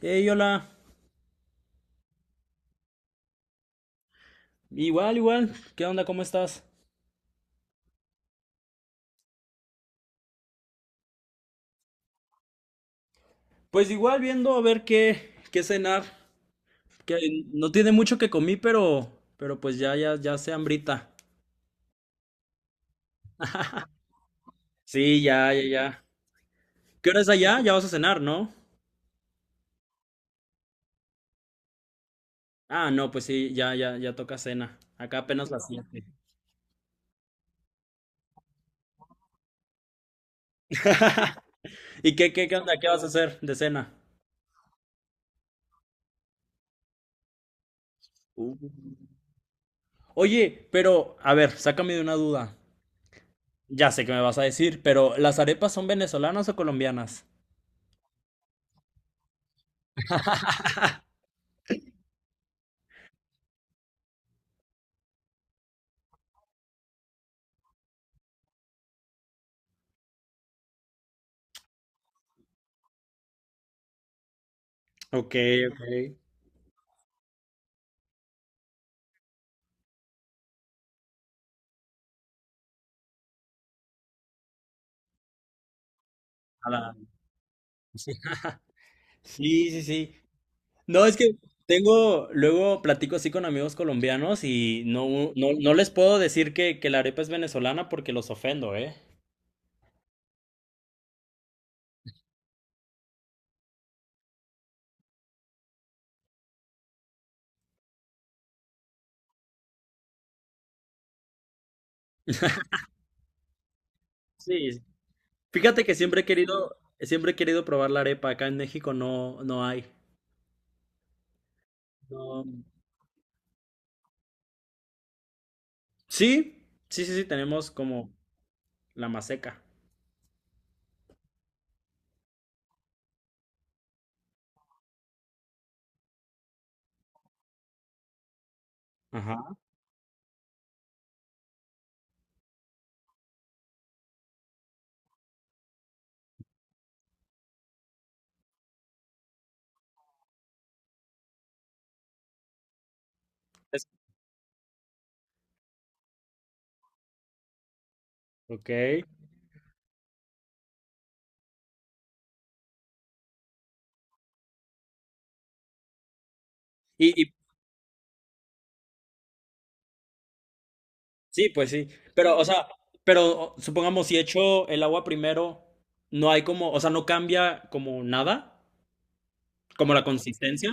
Hey, hola. Igual, igual. ¿Qué onda? ¿Cómo estás? Pues igual viendo a ver qué cenar. Que no tiene mucho que comí, pero pues ya, ya, ya se hambrita. Sí, ya, ya, ya. ¿Qué hora es allá? Ya vas a cenar, ¿no? Ah, no, pues sí, ya, ya, ya toca cena. Acá apenas las 7. ¿Y qué onda? ¿Qué vas a hacer de cena? Uh. Oye, pero, a ver, sácame de una duda. Ya sé que me vas a decir, pero ¿las arepas son venezolanas o colombianas? Ok, ok. A la- Sí, sí, sí. No, es que tengo, luego platico así con amigos colombianos y no, no, no les puedo decir que la arepa es venezolana porque los ofendo, ¿eh? Sí, fíjate que siempre he querido probar la arepa, acá en México no, no hay. No. Sí, sí, sí, sí, tenemos como la maseca. Ajá. Es- ok. Y sí, pues sí, pero, o sea, supongamos si echo el agua primero, no hay como, o sea, no cambia como nada, como la consistencia.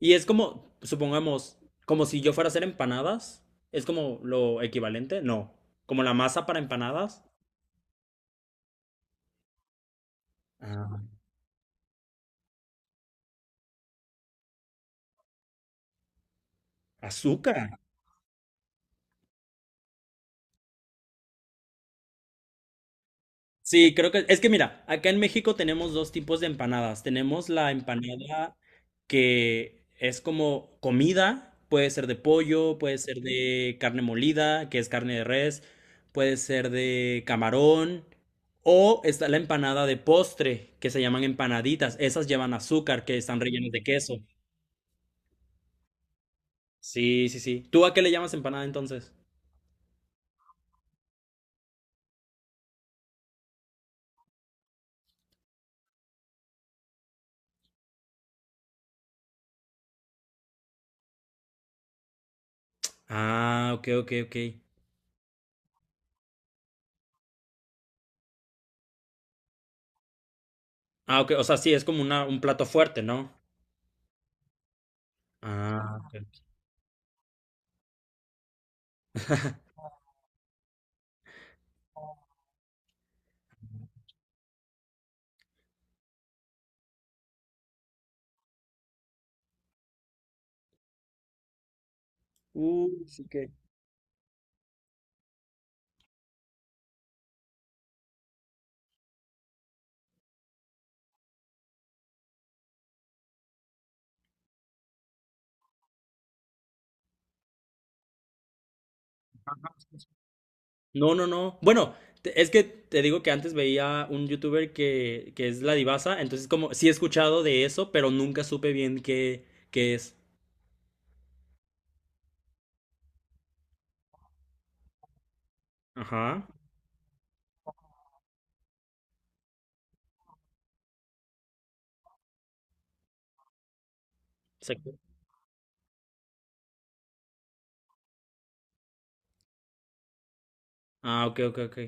Y es como, supongamos, como si yo fuera a hacer empanadas. Es como lo equivalente, no. Como la masa para empanadas. Ah. Azúcar. Sí, creo que es que mira, acá en México tenemos dos tipos de empanadas. Tenemos la empanada que es como comida, puede ser de pollo, puede ser de carne molida, que es carne de res, puede ser de camarón, o está la empanada de postre, que se llaman empanaditas. Esas llevan azúcar, que están rellenas de queso. Sí, sí, sí. ¿Tú a qué le llamas empanada entonces? Ah, ok, ok, ok. Ah, ok, o sea, sí, es como una, un plato fuerte, ¿no? Ah, ok. Sí que. No, no, no. Bueno, es que te digo que antes veía un youtuber que es La Divasa. Entonces como sí he escuchado de eso, pero nunca supe bien qué es. Ajá. Exacto. Ah, ok, ok, ok.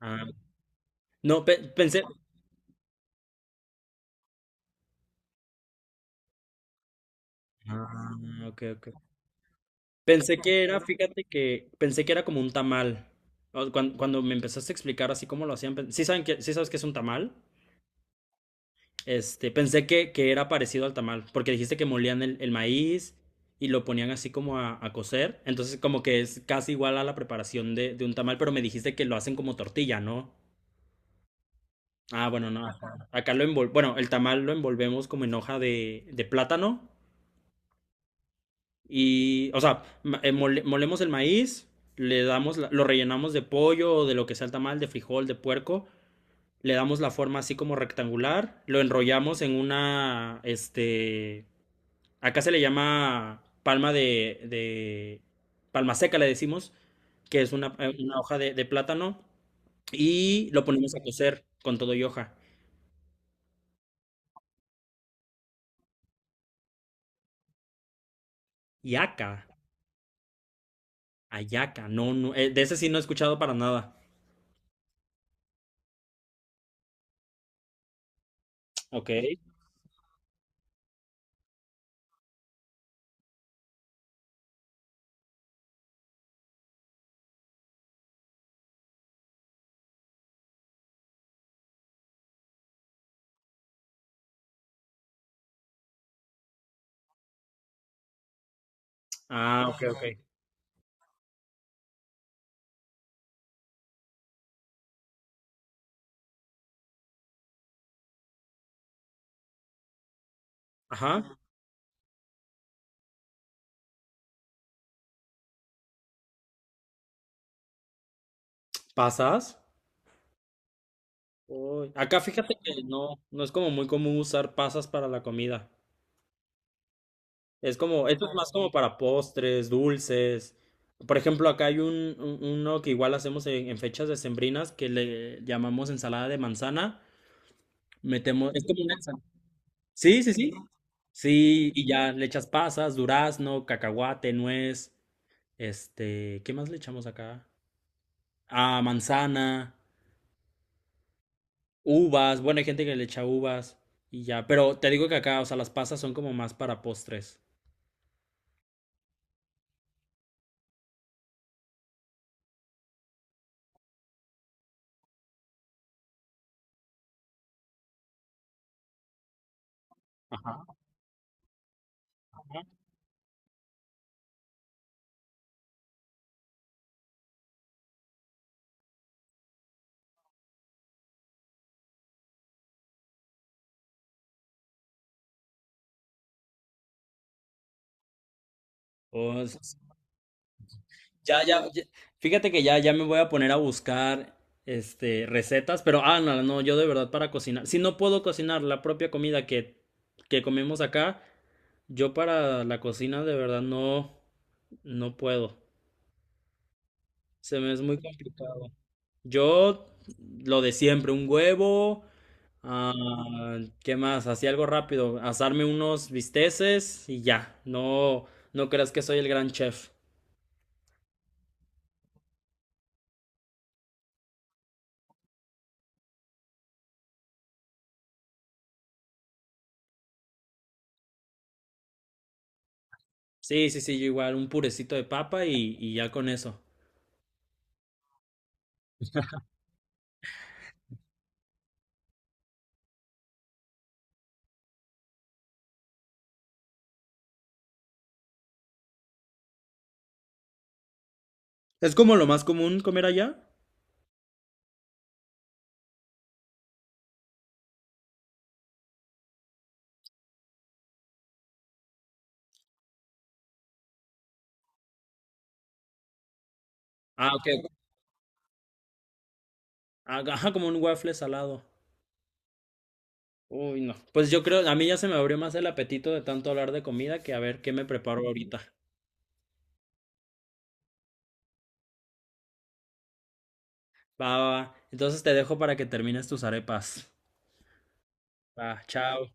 Ah, no, pensé. Ah, ok, ok. Pensé que era, fíjate que pensé que era como un tamal. Cuando me empezaste a explicar así cómo lo hacían, sí saben que, sí sabes que es un tamal. Este, pensé que era parecido al tamal, porque dijiste que molían el maíz y lo ponían así como a cocer. Entonces, como que es casi igual a la preparación de un tamal, pero me dijiste que lo hacen como tortilla, ¿no? Ah, bueno, no. Ajá. Acá lo envol, bueno, el tamal lo envolvemos como en hoja de plátano. Y, o sea, molemos el maíz, le damos, lo rellenamos de pollo o de lo que sea el tamal, de frijol, de puerco, le damos la forma así como rectangular, lo enrollamos en una, este, acá se le llama palma de, palma seca le decimos, que es una hoja de plátano, y lo ponemos a cocer con todo y hoja. Yaca, ayaca, no, no, de ese sí no he escuchado para nada. Ok. Ah, ok, ok. Ajá, pasas. Uy, acá fíjate que no, no es como muy común usar pasas para la comida. Es como, esto es más como para postres, dulces. Por ejemplo, acá hay un, uno que igual hacemos en fechas decembrinas que le llamamos ensalada de manzana. Metemos, es como una ensalada. Sí, sí, sí. Sí, y ya le echas pasas, durazno, cacahuate, nuez, este, ¿qué más le echamos acá? Ah, manzana. Uvas, bueno, hay gente que le echa uvas y ya, pero te digo que acá, o sea, las pasas son como más para postres. Ajá. O s- ya, ya, ya- fíjate que ya, ya me voy a poner a buscar, este, recetas, pero, ah, no, no, yo de verdad para cocinar, si no puedo cocinar la propia comida que comemos acá, yo para la cocina de verdad no, no puedo. Se me es muy complicado. Yo, lo de siempre, un huevo, ah, ¿qué más? Así algo rápido, asarme unos bisteces y ya. No, no creas que soy el gran chef. Sí, sí, sí, yo igual, un purecito de papa y ya con eso. ¿Es como lo más común comer allá? Ah, ok. Ah, ajá, como un waffle salado. Uy, no. Pues yo creo, a mí ya se me abrió más el apetito de tanto hablar de comida que a ver qué me preparo ahorita. Va, va, va. Entonces te dejo para que termines tus arepas. Va, chao.